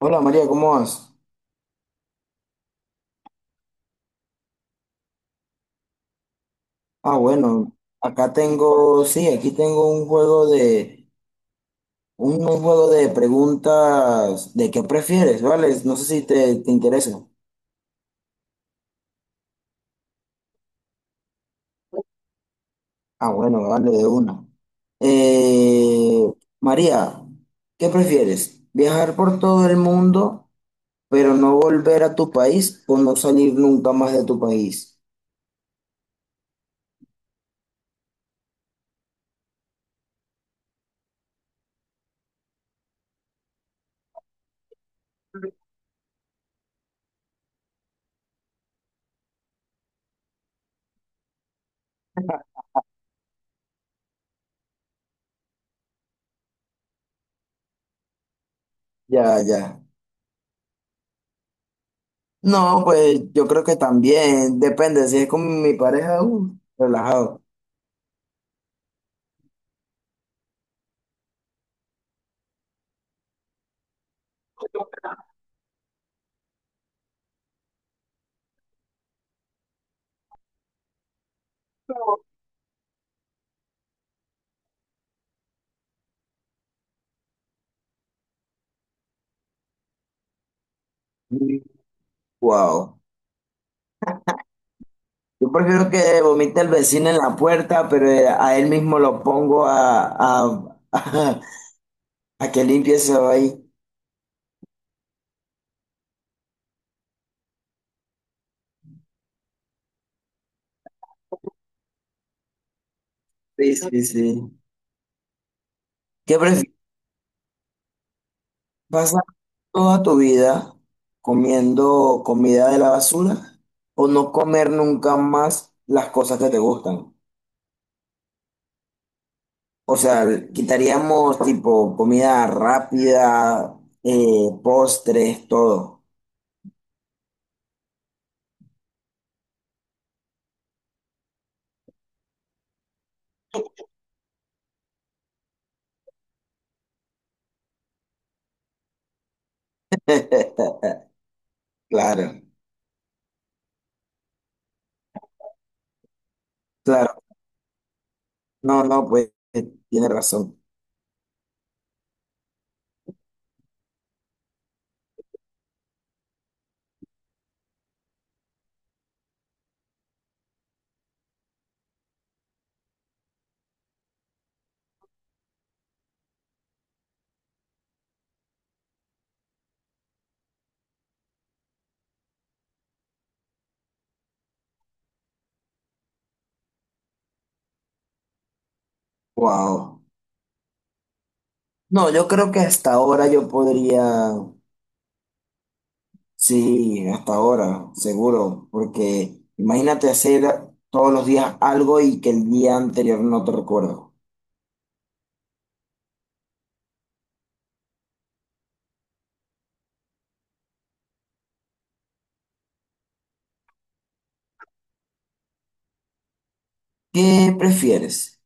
Hola María, ¿cómo vas? Ah, bueno, acá tengo, sí, aquí tengo un juego de, un juego de preguntas de qué prefieres, ¿vale? No sé si te interesa. Ah, bueno, vale, de una. Eh, María, ¿qué prefieres? ¿Viajar por todo el mundo, pero no volver a tu país o no salir nunca más de tu país? Ya, ya. No, pues yo creo que también, depende, si es con mi pareja, relajado. Wow. Yo prefiero que vomite el vecino en la puerta, pero a él mismo lo pongo a, a, que limpie eso ahí. Sí, sí, sí. ¿Qué prefieres? ¿Pasar toda tu vida comiendo comida de la basura o no comer nunca más las cosas que te gustan? O sea, quitaríamos tipo comida rápida, postres, todo. Claro, claro. No, no, pues tiene razón. Wow. No, yo creo que hasta ahora yo podría, sí, hasta ahora, seguro, porque imagínate hacer todos los días algo y que el día anterior no te recuerdo. ¿Qué prefieres?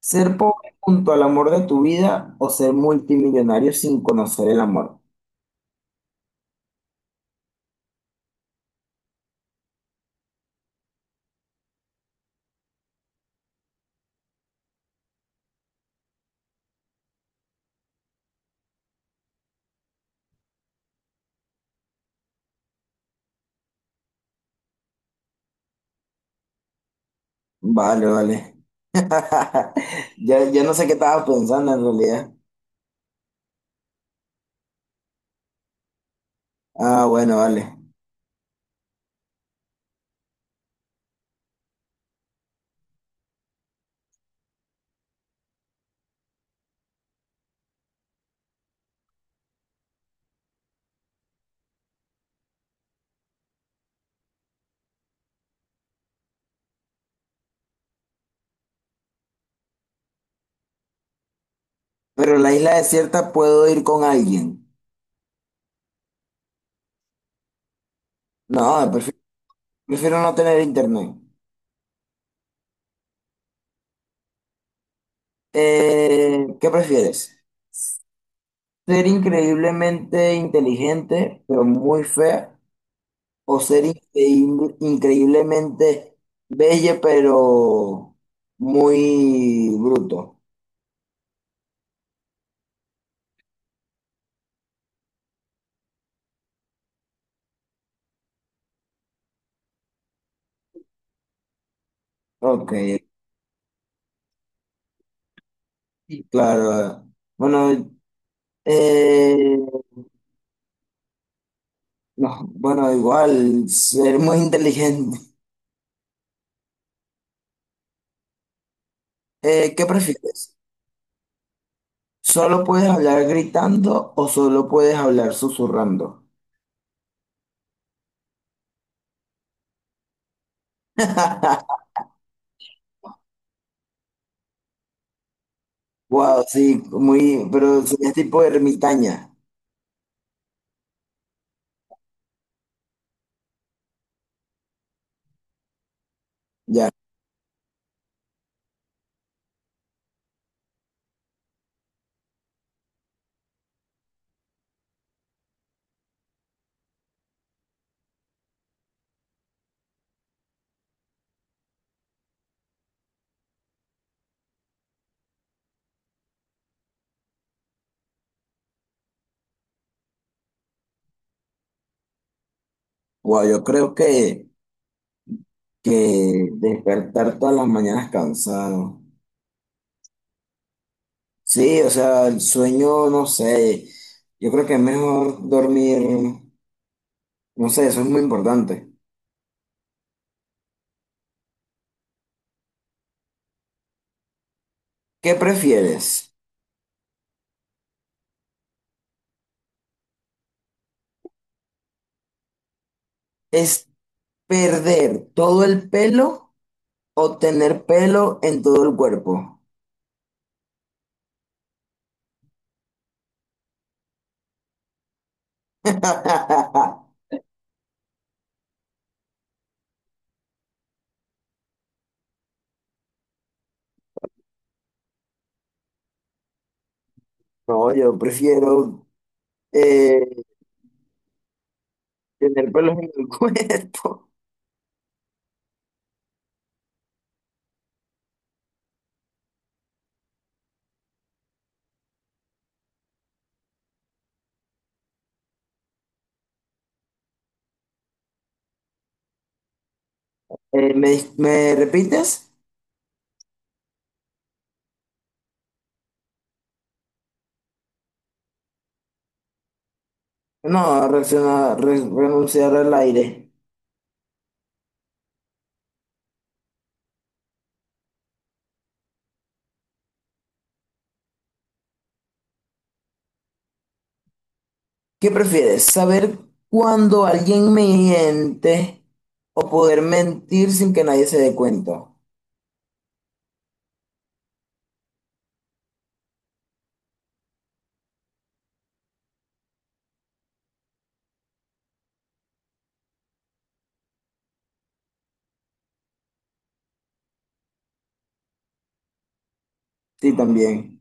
¿Ser pobre junto al amor de tu vida o ser multimillonario sin conocer el amor? Vale, vale. Ya, ya no sé qué estaba pensando en realidad. Ah, bueno, vale. Pero en la isla desierta puedo ir con alguien. No, prefi- prefiero no tener internet. ¿Qué prefieres? ¿Ser increíblemente inteligente, pero muy fea? ¿O ser increíblemente bella, pero muy bruto? Ok, sí, claro. Bueno, eh, no, bueno, igual, ser muy inteligente. ¿Qué prefieres? ¿Solo puedes hablar gritando o solo puedes hablar susurrando? Wow, sí, muy, pero serías tipo ermitaña, ya. Wow, yo creo que despertar todas las mañanas cansado. Sí, o sea, el sueño, no sé, yo creo que es mejor dormir, no sé, eso es muy importante. ¿Qué prefieres? ¿Es perder todo el pelo o tener pelo en todo el cuerpo? No, yo prefiero eh, tener pelos en el cuerpo. ¿ me repites? No, renunciar al aire. ¿Qué prefieres? ¿Saber cuando alguien miente o poder mentir sin que nadie se dé cuenta? Sí, también.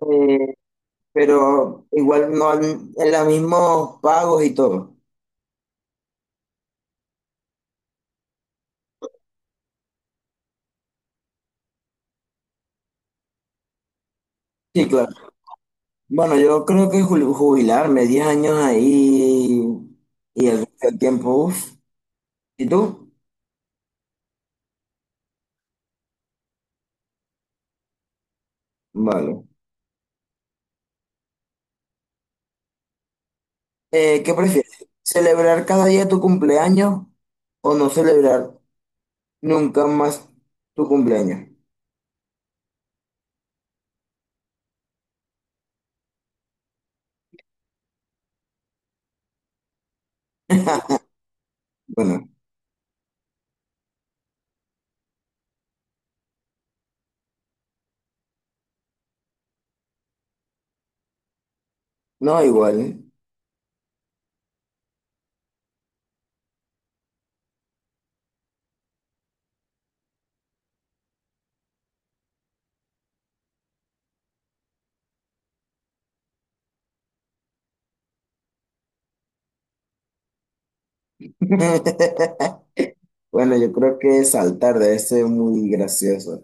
Eh, pero igual no al- en los mismos pagos y todo. Sí, claro. Bueno, yo creo que jubilarme, 10 años ahí y el resto del tiempo, uf. ¿Y tú? Vale. ¿Qué prefieres? ¿Celebrar cada día tu cumpleaños o no celebrar nunca más tu cumpleaños? Bueno, no igual. Bueno, yo creo que saltar debe ser muy gracioso.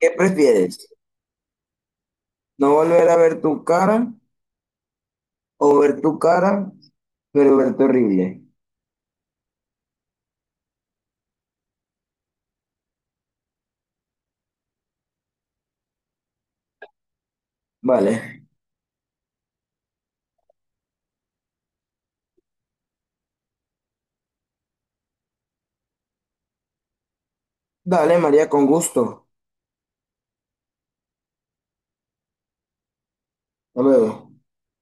¿Qué prefieres? ¿No volver a ver tu cara o ver tu cara, pero verte horrible? Vale. Dale, María, con gusto. Hasta luego.